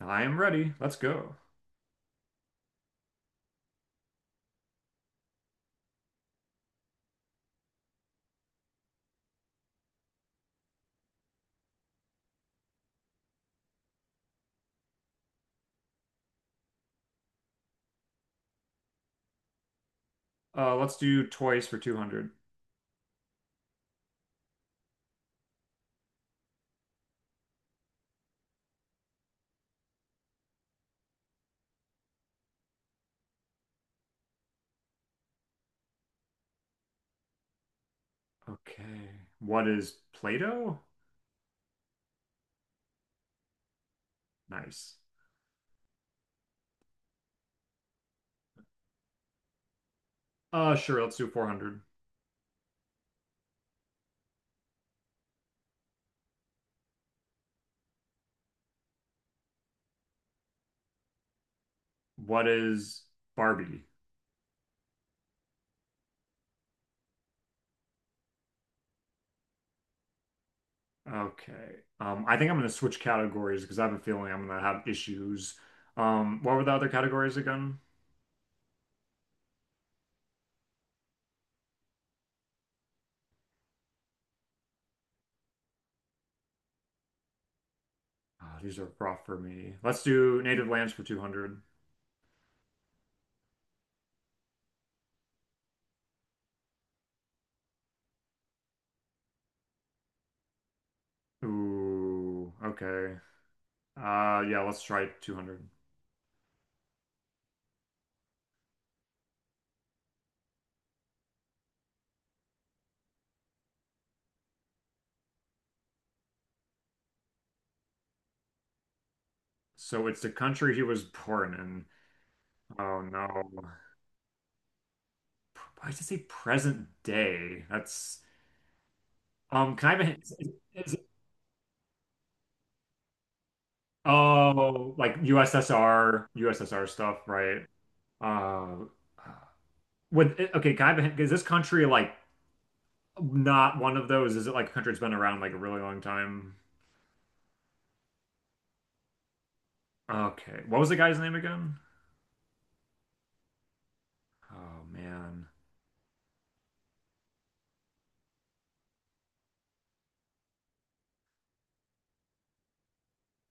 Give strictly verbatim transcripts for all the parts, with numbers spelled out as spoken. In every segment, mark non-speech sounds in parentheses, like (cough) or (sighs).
I am ready. Let's go. Uh, let's do toys for two hundred. Okay. What is Play-Doh? Nice. Uh, sure, let's do four hundred. What is Barbie? Okay. Um, I think I'm gonna switch categories because I have a feeling I'm gonna have issues. Um, what were the other categories again? Ah, these are rough for me. Let's do native lands for two hundred. Ooh, okay. Uh, yeah, let's try two hundred. So it's the country he was born in. Oh no. Why does it say present day? That's um. Can I have a hint? Is- is- is- oh, like U S S R, U S S R stuff, right? Uh, with okay. Can I have a hint? Is this country like not one of those? Is it like a country that's been around like a really long time? Okay. What was the guy's name again? Oh man.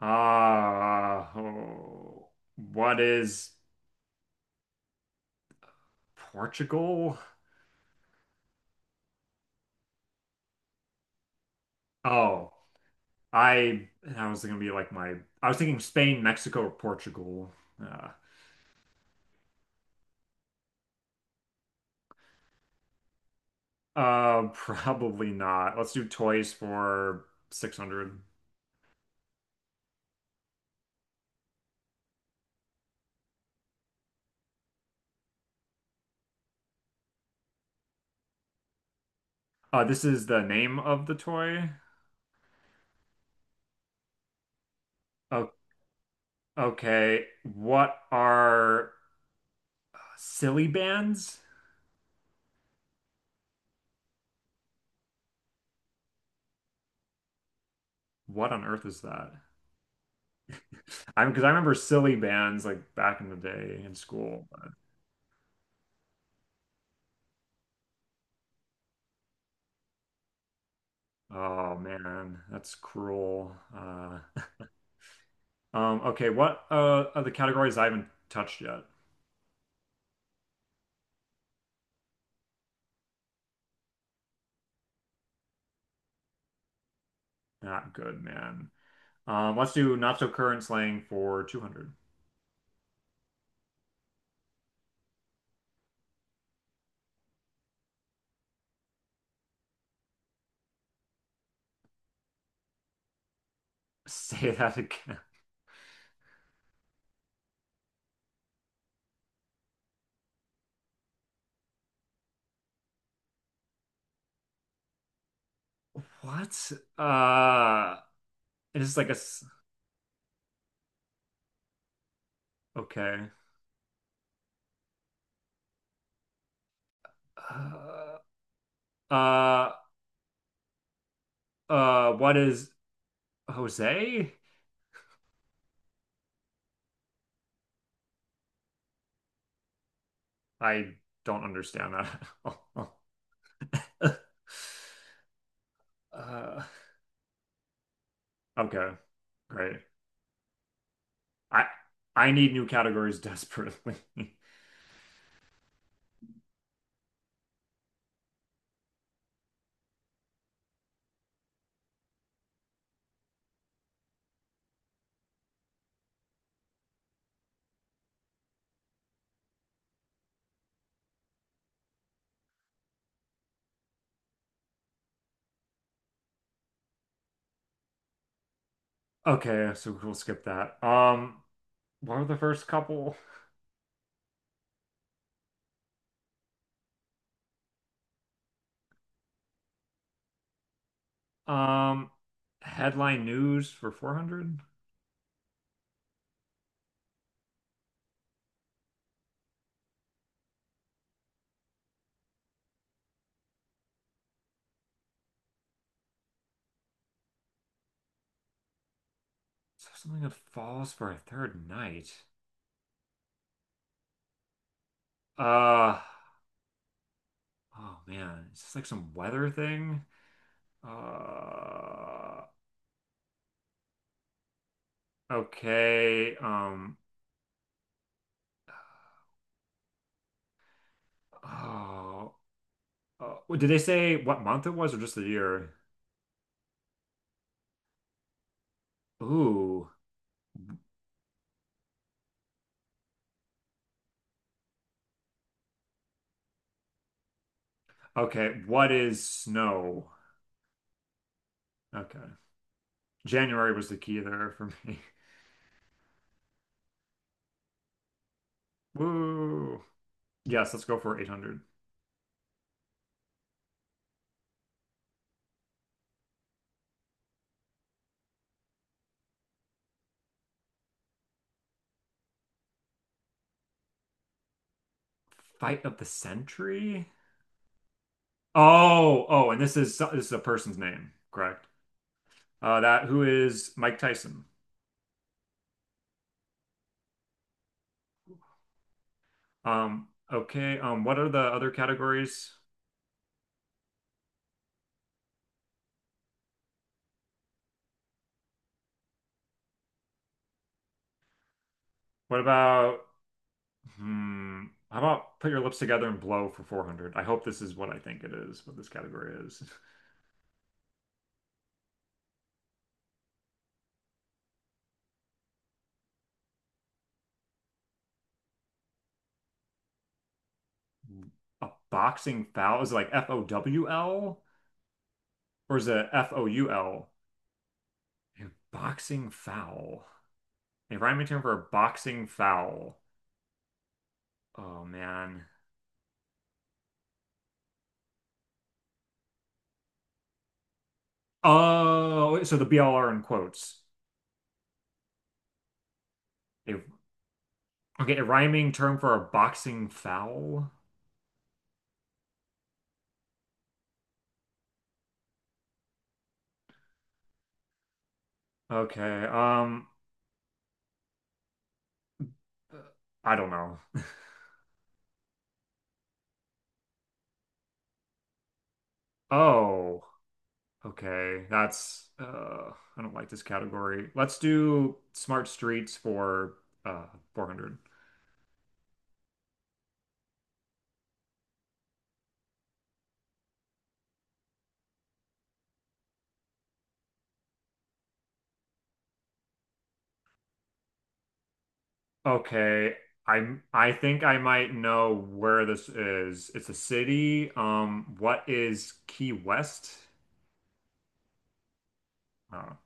Ah, oh, what is Portugal? Oh, I I was gonna be like my I was thinking Spain, Mexico, or Portugal. Uh, uh (laughs) Probably not. Let's do toys for six hundred. Uh this is the name of the toy. Oh, okay. What are silly bands? What on earth is that? I because I remember silly bands like back in the day in school. But- oh man, that's cruel. Uh um okay, what uh are the categories I haven't touched yet? Not good, man. Um, let's do not so current slang for two hundred. (laughs) Say that again. (laughs) What? Uh, it is like a s- okay. Uh, uh, uh, what is Jose? I don't understand that. (laughs) Uh, okay, great. I I need new categories desperately. (laughs) Okay, so we'll skip that. Um, what were the first couple? Um, headline news for four hundred? Is something that falls for a third night? Uh, oh man, is this like some weather thing? Uh, okay. Um, oh, uh, well, did they say what month it was or just the year? Ooh, okay. What is snow? Okay. January was the key there for me. (laughs) Woo. Yes, let's go for eight hundred. Fight of the century? Oh, oh, and this is this is a person's name, correct? Uh, that who is Mike Tyson? Um, okay. Um, what are the other categories? What about hmm, how about put your lips together and blow for four hundred? I hope this is what I think it is, what this category is. (laughs) A boxing foul is it like F O W L or is it F O U L? A boxing foul. A rhyming term for a boxing foul. Oh man. Oh, so the B L R in quotes. A, okay, a rhyming term for a boxing foul. Okay. Um, I don't know. Oh, okay. That's uh, I don't like this category. Let's do smart streets for uh four hundred. Okay. I'm I think I might know where this is. It's a city. Um, what is Key West? Oh,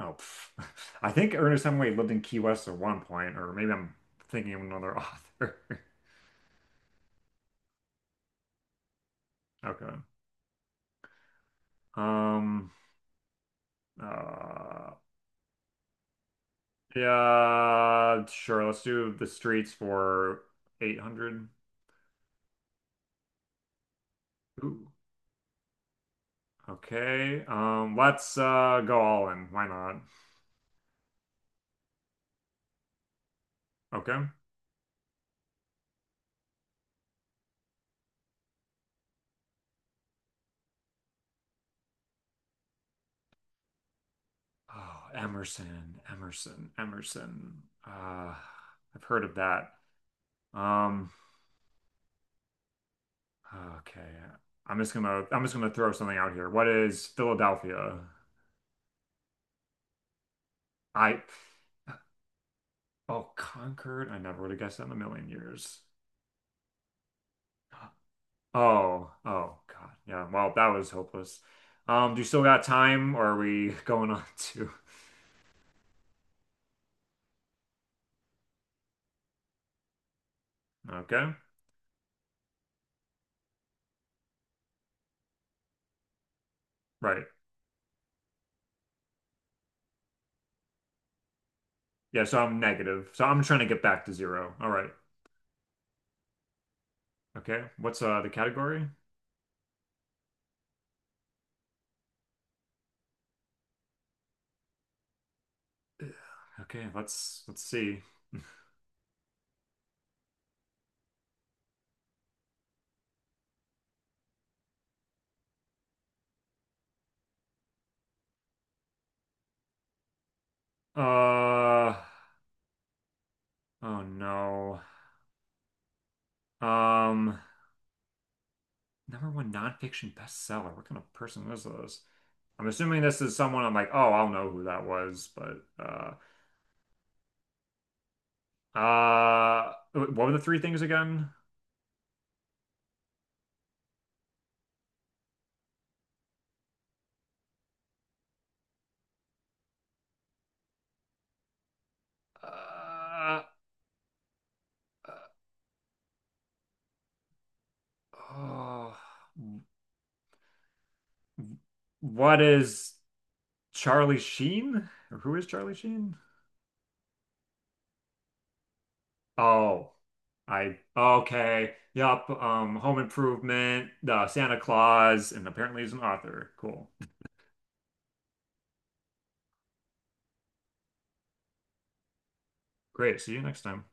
oh, pff. (laughs) I think Ernest Hemingway lived in Key West at one point, or maybe I'm thinking of another (laughs) author. Okay. Um, uh, Yeah, sure. Let's do the streets for eight hundred. Ooh. Okay. Um, let's uh go all in. Why not? Okay. Oh, Emerson, Emerson, Emerson. Uh, I've heard of that. Um, okay. I'm just gonna I'm just gonna throw something out here. What is Philadelphia? I oh, Concord. I never would have guessed that in a million years. Oh, oh God. Yeah. Well, that was hopeless. Um, do you still got time or are we (laughs) going on to? Okay. Right. Yeah, so I'm negative. So I'm trying to get back to zero. All right. Okay. What's uh the category? (sighs) Ugh. Okay, let's let's see. (sighs) Uh oh no. Um number one nonfiction bestseller. What kind of person is this? I'm assuming this is someone I'm like, oh, I'll know who that was, but uh uh what were the three things again? Uh, uh, oh, what is Charlie Sheen? Or who is Charlie Sheen? Oh, I okay. Yup. Um, Home Improvement, uh, Santa Claus, and apparently he's an author. Cool. Great. See you next time.